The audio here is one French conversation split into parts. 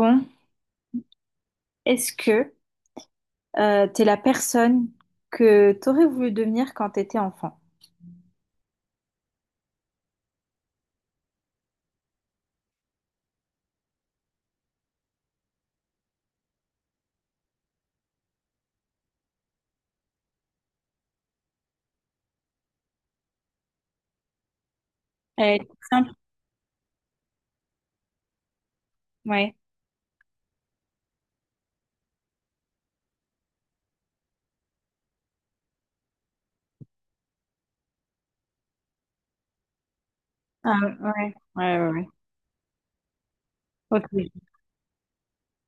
Bon, est-ce que t'es la personne que t'aurais voulu devenir quand t'étais enfant? Euh, Simple, ouais. Ah, ouais, ouais, ouais, ouais. Ok. Oui,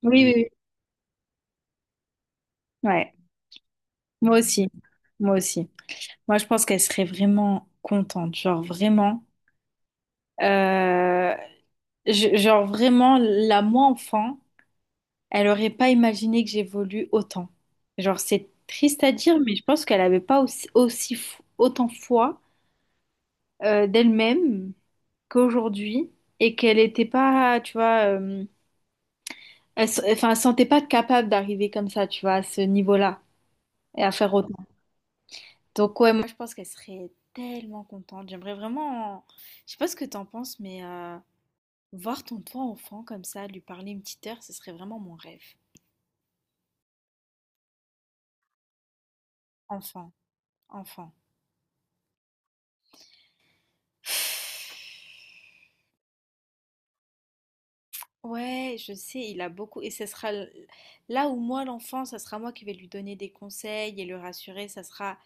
oui, oui. Ouais. Moi aussi. Moi aussi. Moi, je pense qu'elle serait vraiment contente, genre vraiment. Euh, genre vraiment, la moi enfant, elle aurait pas imaginé que j'évolue autant. Genre, c'est triste à dire, mais je pense qu'elle avait pas autant foi d'elle-même qu'aujourd'hui et qu'elle était pas, tu vois, enfin, elle sentait pas capable d'arriver comme ça, tu vois, à ce niveau-là et à faire autant. Donc, ouais, moi, je pense qu'elle serait tellement contente. J'aimerais vraiment, je sais pas ce que t'en penses, mais, voir ton toi enfant comme ça, lui parler une petite heure, ce serait vraiment mon rêve. Enfant, enfant. Ouais, je sais, il a beaucoup. Et ce sera là où moi, l'enfant, ça sera moi qui vais lui donner des conseils et le rassurer. Ça sera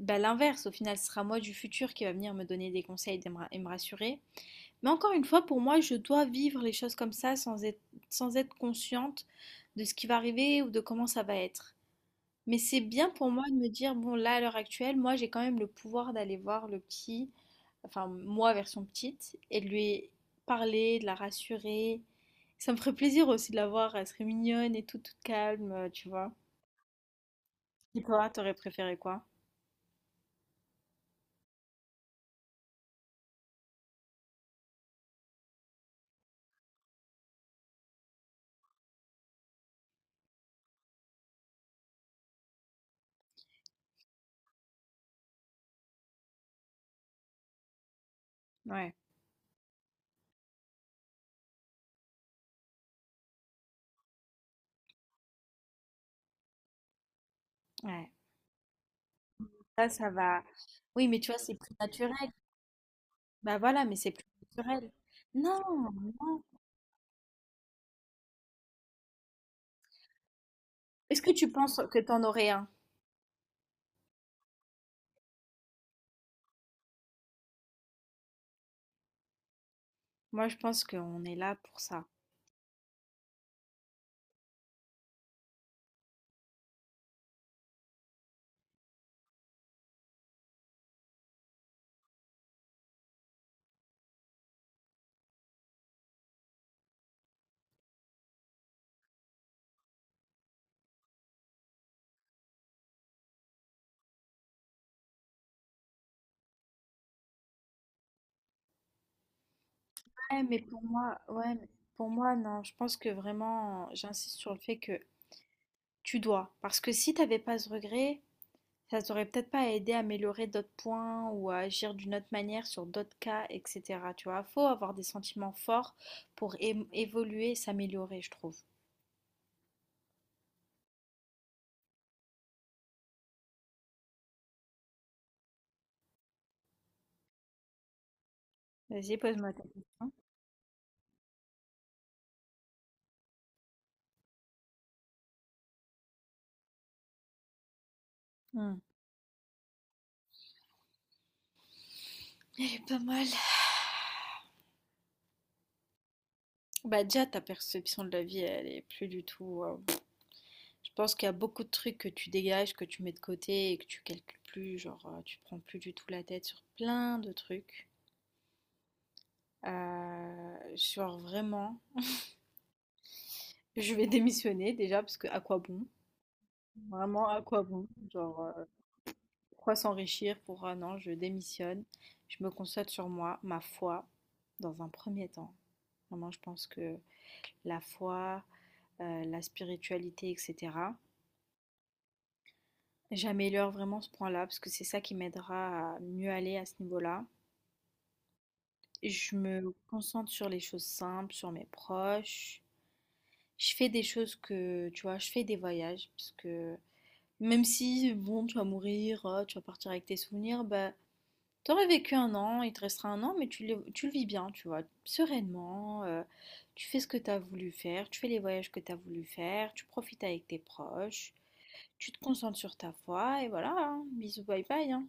bah, l'inverse. Au final, ce sera moi du futur qui va venir me donner des conseils et me rassurer. Mais encore une fois, pour moi, je dois vivre les choses comme ça sans être consciente de ce qui va arriver ou de comment ça va être. Mais c'est bien pour moi de me dire, bon, là, à l'heure actuelle, moi, j'ai quand même le pouvoir d'aller voir le petit, enfin, moi, version petite, et de lui parler, de la rassurer. Ça me ferait plaisir aussi de la voir, elle serait mignonne et tout, toute calme, tu vois. Et toi, t'aurais préféré quoi? Ouais, ouais. Ça va. Oui, mais tu vois, c'est plus naturel. Bah voilà, mais c'est plus naturel. Non, non. Est-ce que tu penses que t'en aurais un? Moi, je pense qu'on est là pour ça. Ouais, mais pour moi, non, je pense que vraiment, j'insiste sur le fait que tu dois. Parce que si t'avais pas ce regret, ça t'aurait peut-être pas aidé à améliorer d'autres points ou à agir d'une autre manière sur d'autres cas, etc. Tu vois, faut avoir des sentiments forts pour évoluer, s'améliorer, je trouve. Vas-y, pose-moi ta question. Hmm. Elle est pas mal. Bah déjà, ta perception de la vie, elle est plus du tout. Je pense qu'il y a beaucoup de trucs que tu dégages, que tu mets de côté et que tu calcules plus, genre tu prends plus du tout la tête sur plein de trucs. Genre vraiment, je vais démissionner déjà parce que à quoi bon? Vraiment à quoi bon? Genre pourquoi s'enrichir pour un an? Je démissionne, je me concentre sur moi, ma foi, dans un premier temps. Vraiment, je pense que la foi, la spiritualité, etc. J'améliore vraiment ce point-là parce que c'est ça qui m'aidera à mieux aller à ce niveau-là. Je me concentre sur les choses simples, sur mes proches. Je fais des choses que, tu vois, je fais des voyages parce que même si, bon, tu vas mourir, tu vas partir avec tes souvenirs, bah, t'aurais vécu un an, il te restera un an, mais tu le vis bien, tu vois, sereinement. Tu fais ce que tu as voulu faire, tu fais les voyages que tu as voulu faire, tu profites avec tes proches, tu te concentres sur ta foi et voilà, hein, bisous, bye bye, hein.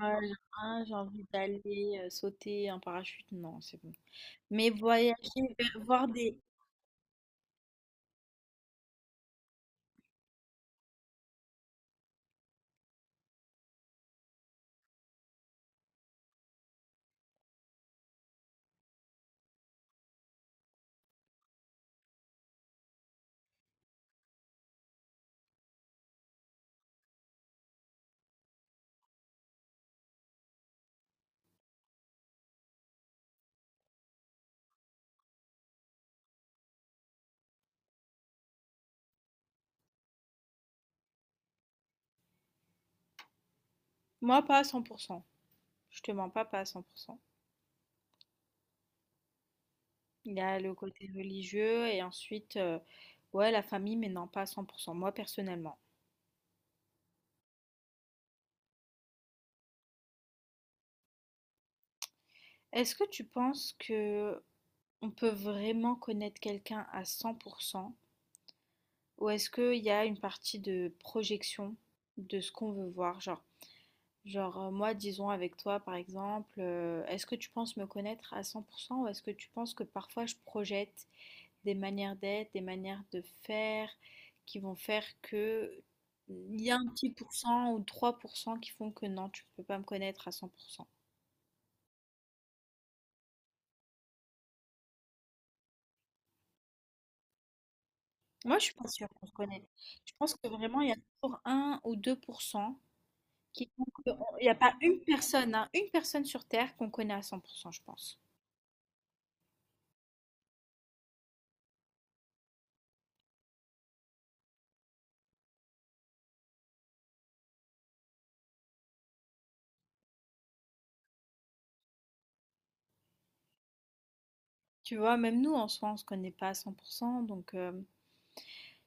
Ah, j'ai ah, j'ai envie d'aller sauter un parachute, non, c'est bon. Mais voyager, voir des moi pas à 100%, je te mens pas, pas à 100%. Il y a le côté religieux et ensuite, ouais la famille, mais non pas à 100% moi personnellement. Est-ce que tu penses que on peut vraiment connaître quelqu'un à 100% ou est-ce qu'il y a une partie de projection de ce qu'on veut voir? Genre, moi disons avec toi par exemple, est-ce que tu penses me connaître à 100% ou est-ce que tu penses que parfois je projette des manières d'être, des manières de faire qui vont faire que il y a un petit pourcent ou 3% qui font que non, tu peux pas me connaître à 100%. Moi, je suis pas sûre qu'on se connaît. Je pense que vraiment, il y a toujours un ou 2% qui font que il n'y a pas une personne, hein, une personne sur Terre qu'on connaît à 100%, je pense. Tu vois, même nous, en soi, on se connaît pas à 100%, donc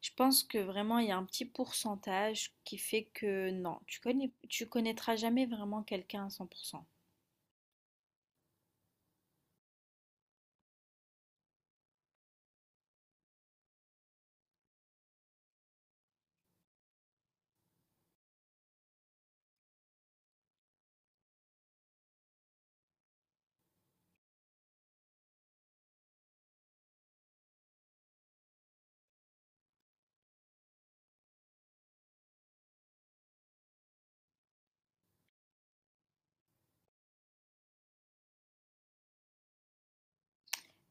je pense que vraiment, il y a un petit pourcentage qui fait que non, tu connais, tu connaîtras jamais vraiment quelqu'un à 100%.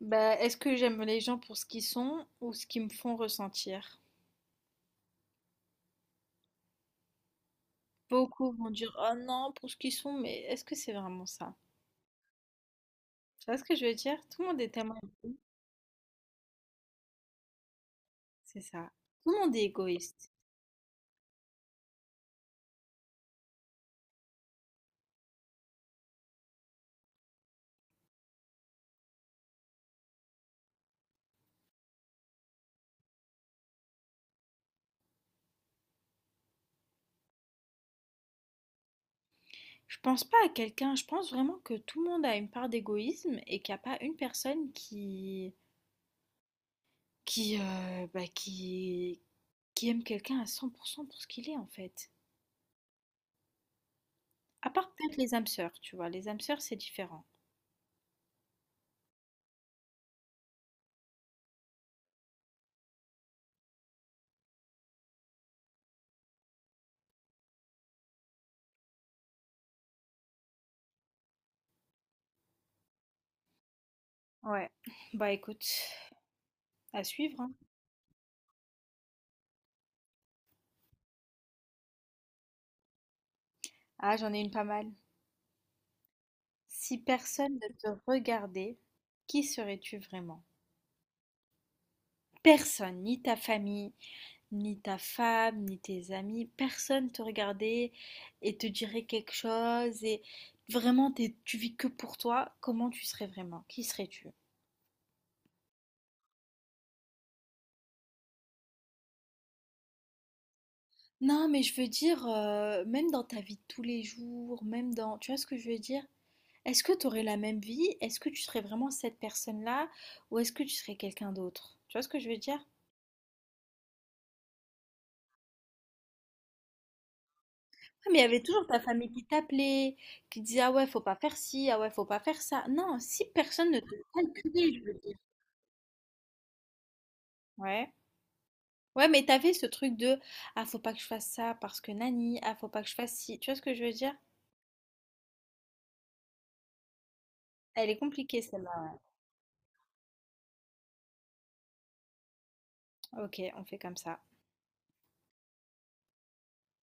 Bah, est-ce que j'aime les gens pour ce qu'ils sont ou ce qu'ils me font ressentir? Beaucoup vont dire «Oh non, pour ce qu'ils sont», mais est-ce que c'est vraiment ça? Tu vois ce que je veux dire? Tout le monde est tellement égoïste, c'est ça. Tout le monde est égoïste. Je pense pas à quelqu'un, je pense vraiment que tout le monde a une part d'égoïsme et qu'il n'y a pas une personne qui bah, qui aime quelqu'un à 100% pour ce qu'il est en fait. À part peut-être les âmes sœurs, tu vois, les âmes sœurs c'est différent. Ouais. Bah écoute, à suivre, hein. Ah, j'en ai une pas mal. Si personne ne te regardait, qui serais-tu vraiment? Personne, ni ta famille, ni ta femme, ni tes amis, personne te regardait et te dirait quelque chose et vraiment tu vis que pour toi, comment tu serais vraiment? Qui serais-tu? Non, mais je veux dire, même dans ta vie de tous les jours, même dans... Tu vois ce que je veux dire? Est-ce que tu aurais la même vie? Est-ce que tu serais vraiment cette personne-là? Ou est-ce que tu serais quelqu'un d'autre? Tu vois ce que je veux dire? Ah, mais il y avait toujours ta famille qui t'appelait, qui disait ah ouais, faut pas faire ci, ah ouais, faut pas faire ça. Non, si personne ne te calculait, je veux dire. Ouais. Ouais, mais t'avais ce truc de ah, faut pas que je fasse ça parce que nani, ah, faut pas que je fasse ci. Tu vois ce que je veux dire? Elle est compliquée celle-là. Ok, on fait comme ça.